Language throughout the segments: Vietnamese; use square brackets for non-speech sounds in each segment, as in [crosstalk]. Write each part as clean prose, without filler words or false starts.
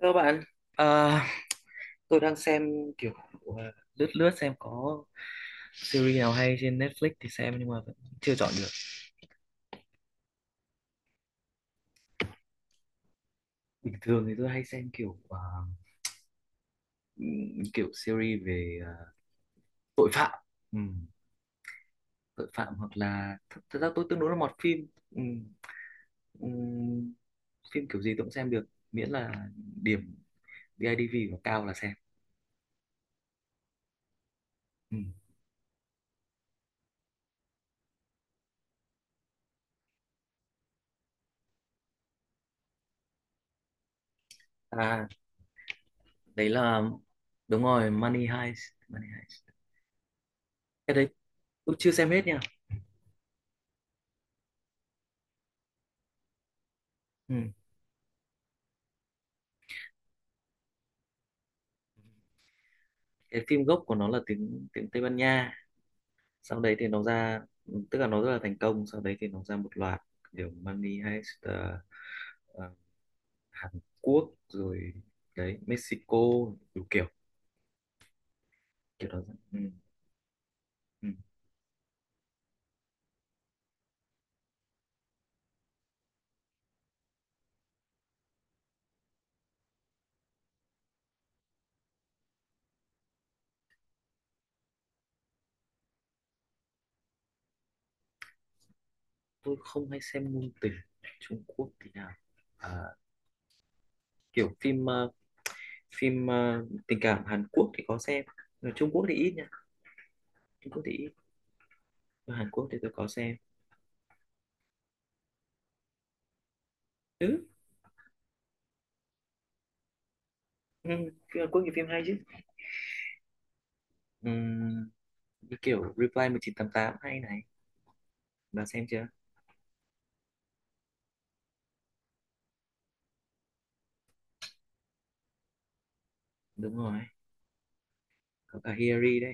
Thưa bạn, à, tôi đang xem kiểu lướt lướt xem có series nào hay trên Netflix thì xem, nhưng mà vẫn chưa chọn được. Bình thường thì tôi hay xem kiểu kiểu series về tội phạm. Ừm, Tội phạm, hoặc là thật ra tôi tương đối là mọt phim. Ừm, Phim kiểu gì tôi cũng xem được, miễn là điểm bê i BIDV của cao là xem. Ừm. À, đấy là đúng rồi, Money Heist, Money Heist. Cái đấy tôi chưa xem hết nha. Ừ. Cái phim gốc của nó là tiếng tiếng Tây Ban Nha, sau đấy thì nó ra, tức là nó rất là thành công, sau đấy thì nó ra một loạt kiểu Money Heist ờ, Hàn Quốc rồi, đấy, Mexico, đủ kiểu kiểu đó. Ừ. Ừ. Tôi không hay xem ngôn tình Trung Quốc thì nào. à, Kiểu phim phim ờ, tình cảm Hàn Quốc thì có xem. Ở Trung Quốc thì ít nha, Trung Quốc thì ít. Ở Hàn Quốc thì tôi có xem. Ừ. Ừ. Phim Hàn Quốc thì phim hay chứ. Ừ. Như kiểu Reply 1988 hay này, bạn xem chưa? Đúng rồi, có cả Hiyari đấy.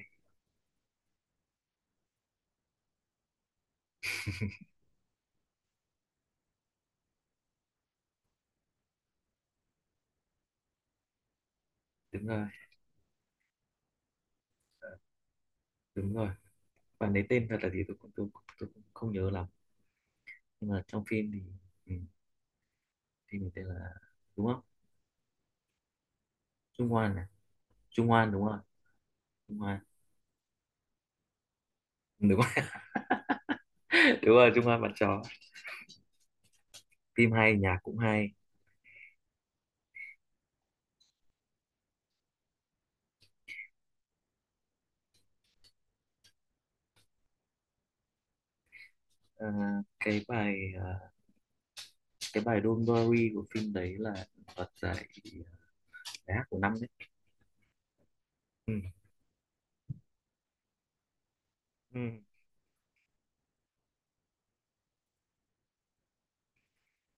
Đúng rồi, đúng rồi, bạn ấy tên thật là gì tôi cũng không nhớ lắm, nhưng mà trong phim thì ừ, phim thì tên là, đúng không? Trung Hoan à? Trung Hoan đúng không? Trung Hoan, đúng rồi. [laughs] Đúng rồi, Trung Hoan bạn chó. Phim hay, nhạc cũng hay. Ờ, cái bài ờ, cái bài Don't Worry của phim đấy là đoạt giải bài hát của năm đấy. Ừ. Ừ.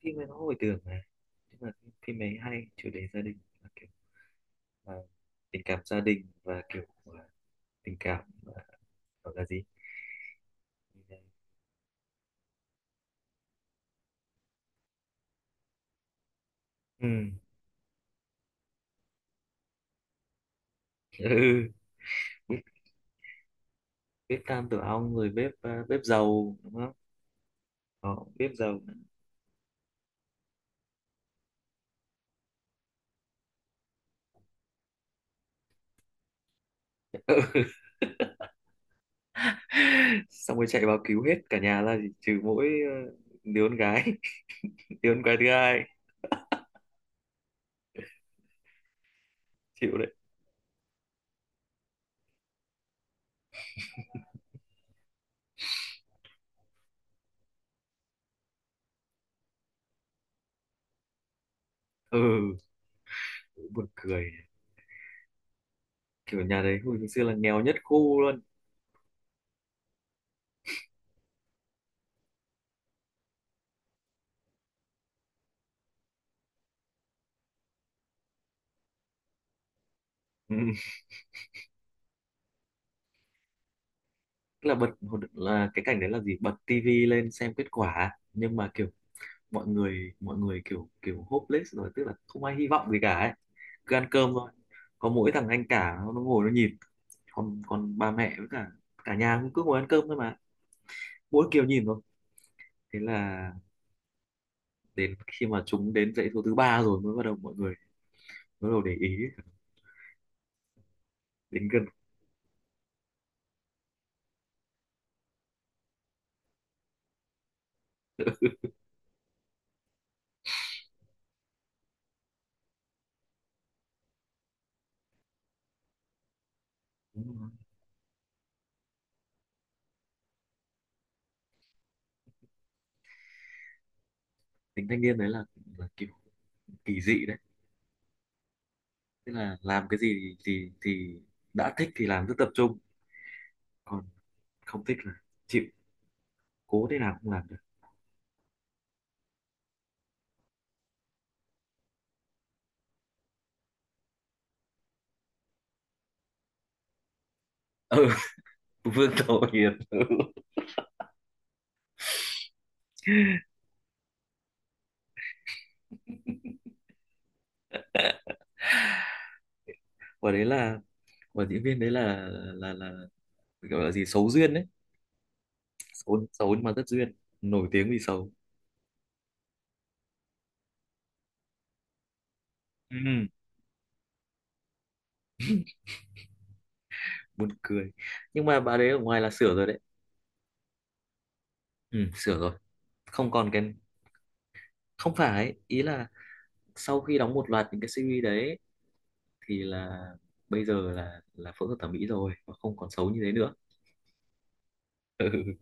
Phim ấy nó hồi tưởng mà, nhưng mà phim ấy hay, chủ đề gia đình và kiểu ờ, tình cảm gia đình, và kiểu tình cảm gọi là gì? ừ ừ bếp, Bếp tam tử ong, rồi bếp dầu đúng không? Đó, bếp dầu. [laughs] Ừ. Xong rồi chạy vào cứu hết cả nhà ra, chỉ trừ mỗi đứa con gái. [laughs] Đứa con gái thứ hai, chịu đấy. ừ Buồn cười, kiểu nhà đấy hồi xưa là nghèo nhất khu luôn. Ừ. Tức là bật, cái cảnh đấy là gì, bật tivi lên xem kết quả, nhưng mà kiểu mọi người kiểu kiểu hopeless rồi, tức là không ai hy vọng gì cả ấy, cứ ăn cơm thôi. Có mỗi thằng anh cả nó ngồi nó nhìn, còn còn bà mẹ với cả cả nhà cũng cứ ngồi ăn cơm thôi mà, mỗi kiểu nhìn thôi. Thế là đến khi mà chúng đến dãy số thứ ba rồi mới bắt đầu mọi người mới bắt đầu để ý đến gần. Tính thanh niên đấy là, kiểu kỳ dị đấy, tức là làm cái gì thì đã thích thì làm rất tập trung, còn không thích là chịu, cố thế nào cũng làm được. Ừ. [laughs] Vương Tổ Hiền. Ừ. và đấy là và diễn viên đấy là, gọi là gì? Xấu duyên đấy, xấu xấu nhưng mà rất duyên, nổi tiếng vì xấu. ừ, Buồn cười, nhưng mà bà đấy ở ngoài là sửa rồi đấy. Ừ, Sửa rồi. Không còn cái Không phải, ý là sau khi đóng một loạt những cái series đấy thì là bây giờ là phẫu thuật thẩm mỹ rồi và không còn xấu như thế nữa. ừ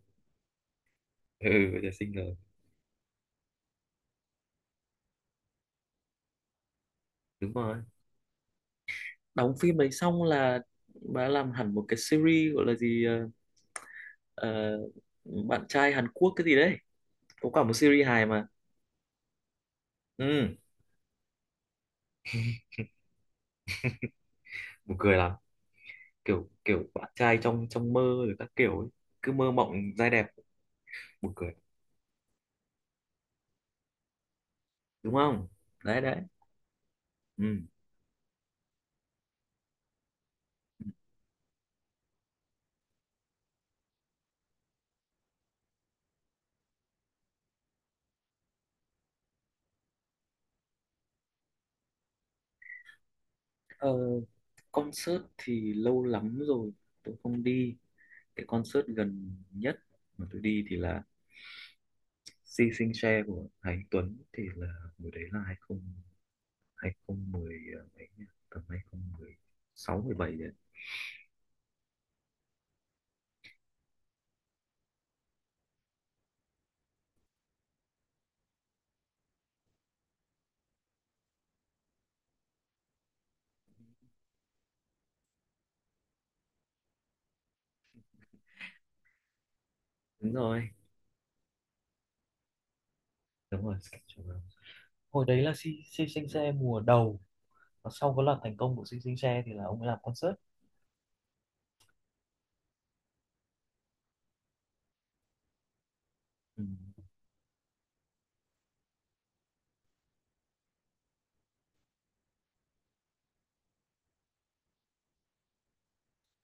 ừ Giờ xinh rồi. Đúng rồi, đóng phim đấy xong là bà làm hẳn một cái series gọi là gì, ờ, bạn trai Hàn Quốc cái gì đấy, có cả một series hài mà. ừ Buồn cười lắm, kiểu kiểu bạn trai trong trong mơ rồi các kiểu ấy. Cứ mơ mộng, trai đẹp, buồn cười đúng không? Đấy đấy. Ừ. ờ, Concert thì lâu lắm rồi tôi không đi. Cái concert gần nhất mà tôi đi thì là Si Sing Share của Hà Anh Tuấn, thì là hồi đấy là 20, 2010, mấy nhỉ? Tầm 2016, mười 17 đấy. Đúng rồi. Đúng rồi, Sketch Around. Hồi đấy là Si Si Sinh Xe mùa đầu, và sau có loạt thành công của Si Sinh Xe thì là ông ấy làm concert. Ừ.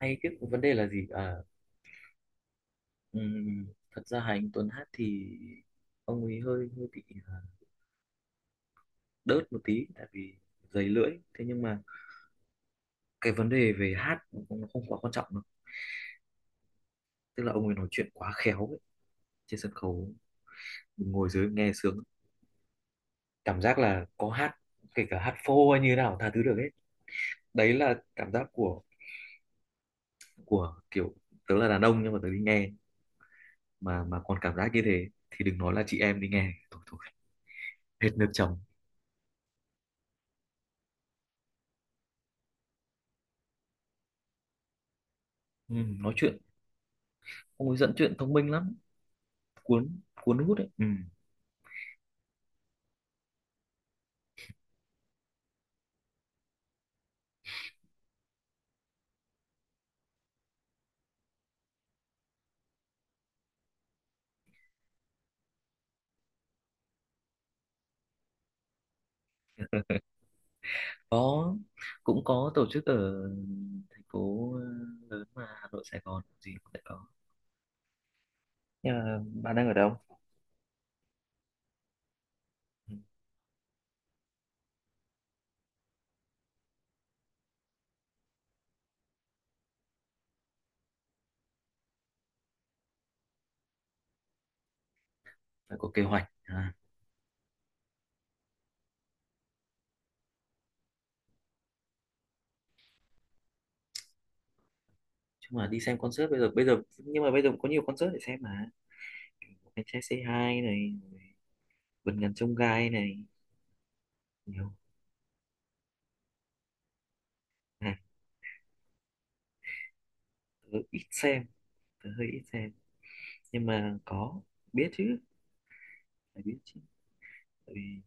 Hay cái vấn đề là gì? À, ừm, thật ra Hà Anh Tuấn hát thì ông ấy hơi hơi bị đớt một tí, tại vì dày lưỡi. Thế nhưng mà cái vấn đề về hát cũng không không quá quan trọng đâu. Tức là ông ấy nói chuyện quá khéo ấy. Trên sân khấu mình ngồi dưới nghe sướng, cảm giác là có hát, kể cả hát phô hay như thế nào tha thứ được hết. Đấy là cảm giác của kiểu tớ là đàn ông, nhưng mà tớ đi nghe mà còn cảm giác như thế thì đừng nói là chị em đi nghe. Thôi thôi, hết nước chấm. Ừ, nói chuyện ông ấy dẫn truyện thông minh lắm, cuốn cuốn hút đấy. Ừ. có Cũng có tổ chức ở thành phố lớn mà, Hà Nội Sài Gòn gì cũng sẽ có, nhưng mà bạn đang ở đâu? Ừ, phải có kế hoạch à. Chứ mà đi xem concert bây giờ, nhưng mà bây giờ cũng có nhiều concert để xem mà. Kiểu anh trai Say Hi này, vườn ngàn chông gai này, nhiều. À, tớ ít xem, tớ hơi ít xem nhưng mà có biết chứ, phải biết chứ, tại vì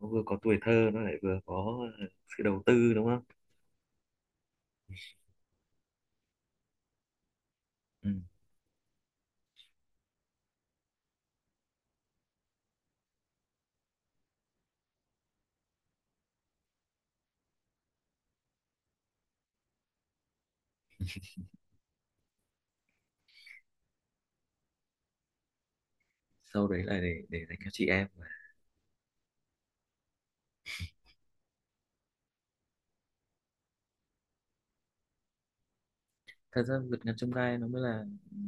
nó vừa có tuổi thơ nó lại vừa có sự đầu tư đúng không? Ừ. Sau đấy là để dành cho chị em mà. Thật ra vượt ngàn chông gai nó mới là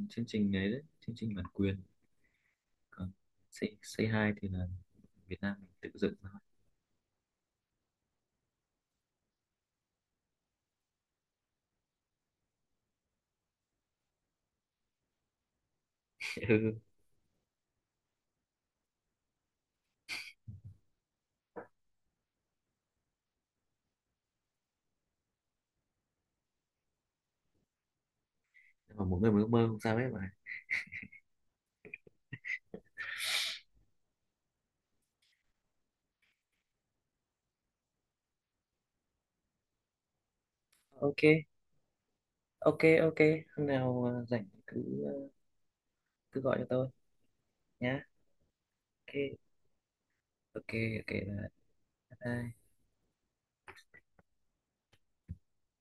chương trình đấy, đấy chương trình bản quyền, còn Say Hi thì là Việt Nam mình tự dựng nó. [laughs] Ừ. Nhưng mà mỗi người một ước mơ, không sao hết mà. Ok, ok, ok, hôm nào rảnh cứ gọi cho tôi nhá. Ok, ok, ok, bye bye.